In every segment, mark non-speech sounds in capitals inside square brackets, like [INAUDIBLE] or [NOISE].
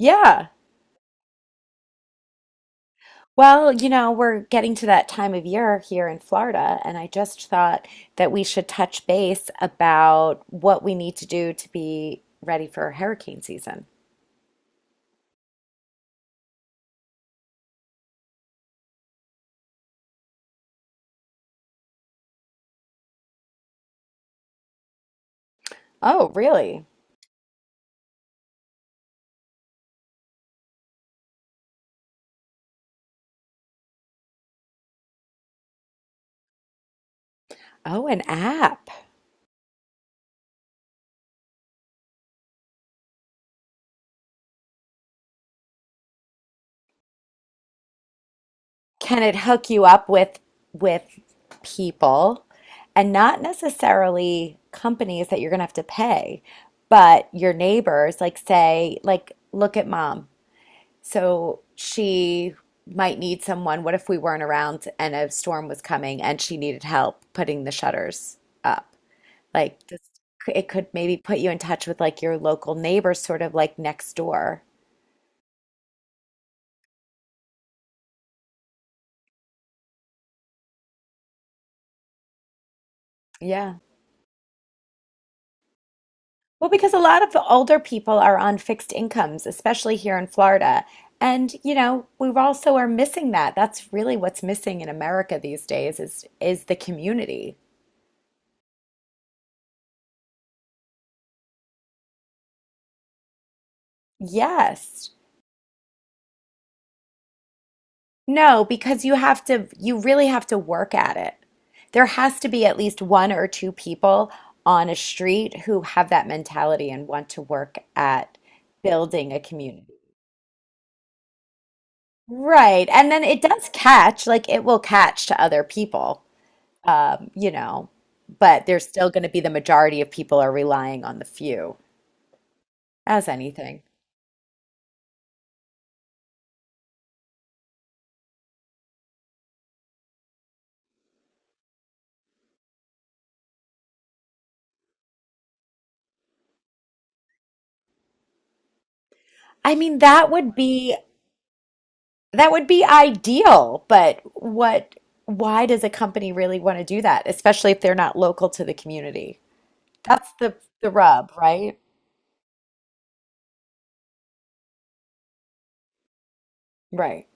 Yeah. Well, you know, we're getting to that time of year here in Florida, and I just thought that we should touch base about what we need to do to be ready for hurricane season. Oh, really? Oh, an app. Can it hook you up with people and not necessarily companies that you're going to have to pay, but your neighbors, like say, like look at mom. So she might need someone. What if we weren't around and a storm was coming and she needed help putting the shutters up? Like this, it could maybe put you in touch with like your local neighbor, sort of like next door. Yeah. Well, because a lot of the older people are on fixed incomes, especially here in Florida. And, you know, we also are missing that. That's really what's missing in America these days is the community. Yes. No, because you have to, you really have to work at it. There has to be at least one or two people on a street who have that mentality and want to work at building a community. Right. And then it does catch, like it will catch to other people, you know, but there's still going to be the majority of people are relying on the few as anything. I mean, that would be that would be ideal, but what, why does a company really want to do that, especially if they're not local to the community? That's the rub, right? Right.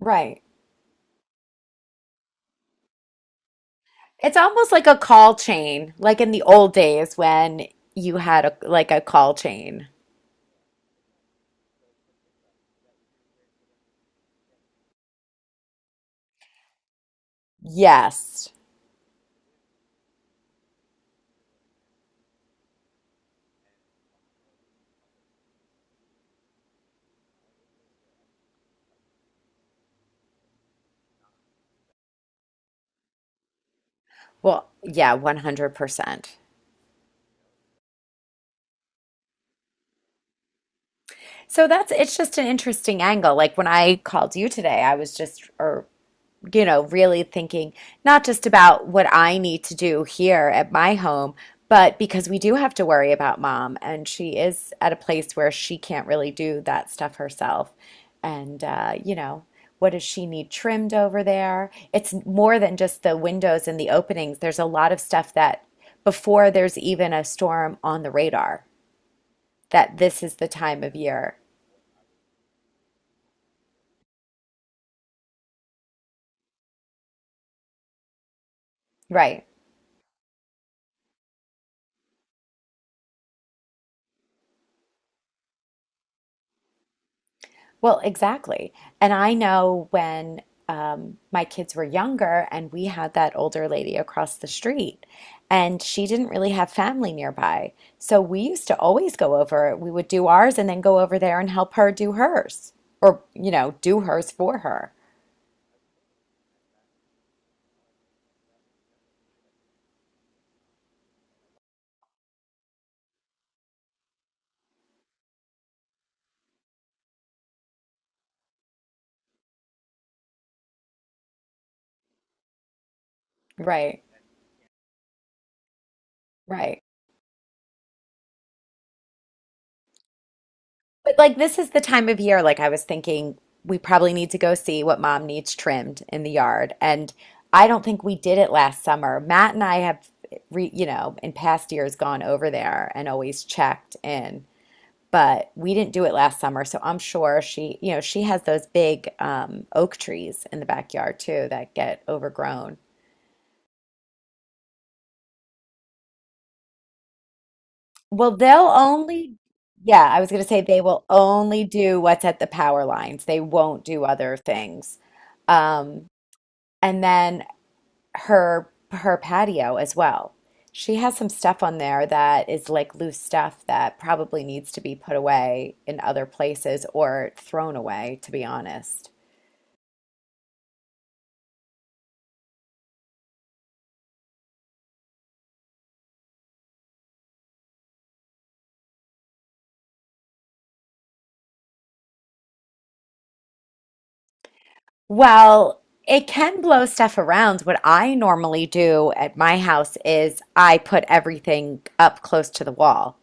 Right. It's almost like a call chain, like in the old days when you had a, like a call chain. Yes. Well, yeah, 100%. So that's it's just an interesting angle. Like when I called you today, I was just or you know, really thinking not just about what I need to do here at my home, but because we do have to worry about mom, and she is at a place where she can't really do that stuff herself. And, you know, what does she need trimmed over there? It's more than just the windows and the openings. There's a lot of stuff that before there's even a storm on the radar, that this is the time of year. Right. Well, exactly. And I know when my kids were younger and we had that older lady across the street, and she didn't really have family nearby. So we used to always go over, we would do ours and then go over there and help her do hers or, you know, do hers for her. Right, right. But like this is the time of year, like I was thinking we probably need to go see what mom needs trimmed in the yard. And I don't think we did it last summer. Matt and I have you know, in past years gone over there and always checked in, but we didn't do it last summer. So I'm sure she, you know, she has those big oak trees in the backyard too that get overgrown. Well, they'll only, yeah, I was going to say they will only do what's at the power lines. They won't do other things. Um, and then her patio as well. She has some stuff on there that is like loose stuff that probably needs to be put away in other places or thrown away, to be honest. Well, it can blow stuff around. What I normally do at my house is I put everything up close to the wall,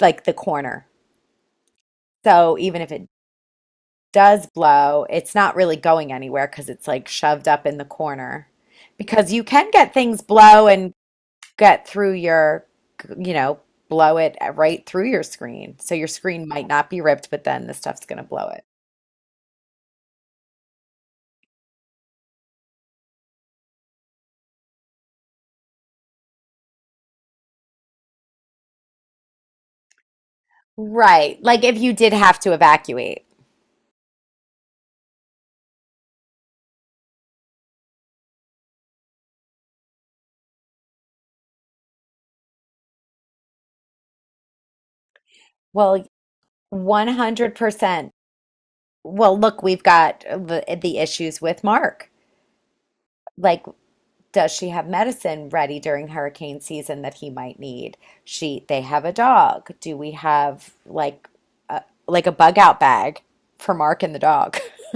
like the corner. So even if it does blow, it's not really going anywhere because it's like shoved up in the corner because you can get things blow and get through your, you know, blow it right through your screen. So your screen might not be ripped, but then the stuff's going to blow it. Right. Like if you did have to evacuate. Well, 100%. Well, look, we've got the issues with Mark. Like, does she have medicine ready during hurricane season that he might need? She, they have a dog. Do we have like a bug out bag for Mark and the dog? [LAUGHS]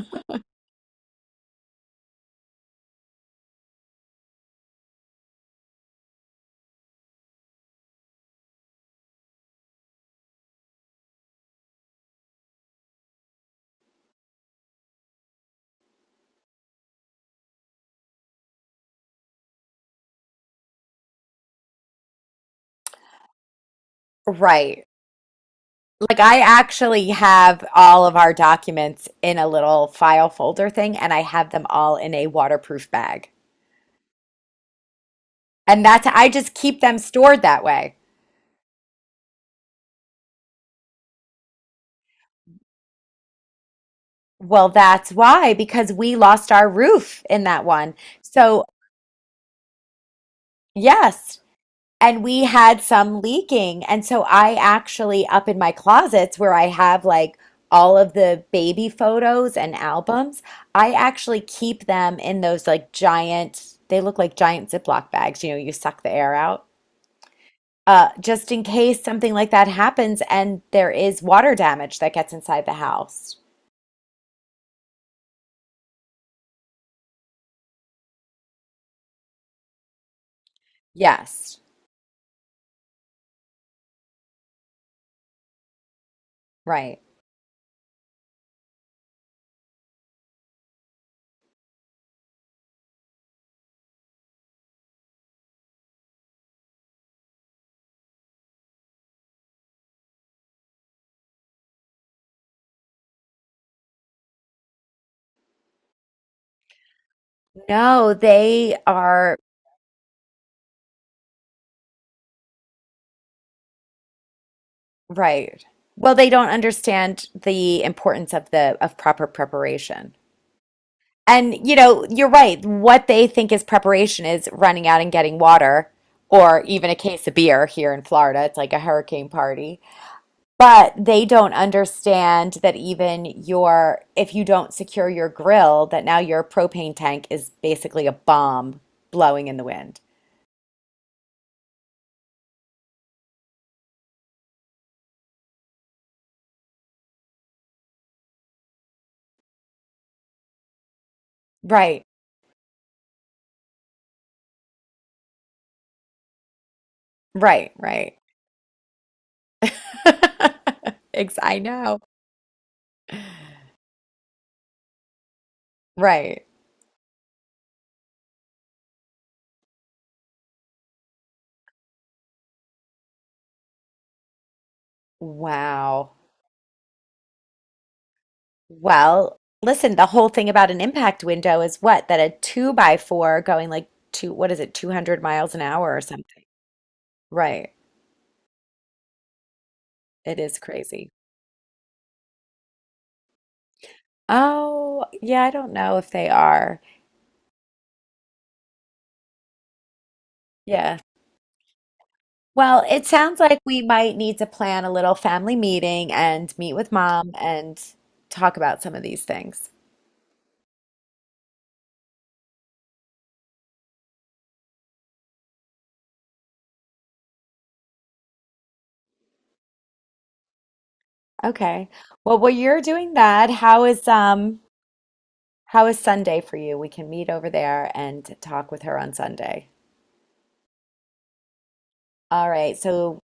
Right. Like I actually have all of our documents in a little file folder thing, and I have them all in a waterproof bag. And that's I just keep them stored that way. Well, that's why, because we lost our roof in that one. So, yes, and we had some leaking. And so I actually, up in my closets where I have like all of the baby photos and albums, I actually keep them in those like giant, they look like giant Ziploc bags. You know, you suck the air out. Just in case something like that happens and there is water damage that gets inside the house. Yes, right. No, they are right. Well, they don't understand the importance of the of proper preparation. And, you know, you're right. What they think is preparation is running out and getting water or even a case of beer here in Florida. It's like a hurricane party. But they don't understand that even your, if you don't secure your grill, that now your propane tank is basically a bomb blowing in the wind. Right, right, right. [LAUGHS] Ex I know. Right. Wow. Well, listen, the whole thing about an impact window is what? That a two by four going like two, what is it, 200 miles an hour or something. Right. It is crazy. Oh, yeah, I don't know if they are. Yeah. Well, it sounds like we might need to plan a little family meeting and meet with mom and talk about some of these things. Okay. Well, while you're doing that, how is Sunday for you? We can meet over there and talk with her on Sunday. All right. So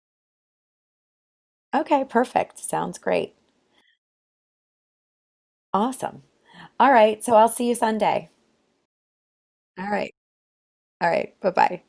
okay, perfect. Sounds great. Awesome. All right, so I'll see you Sunday. All right. All right. Bye-bye.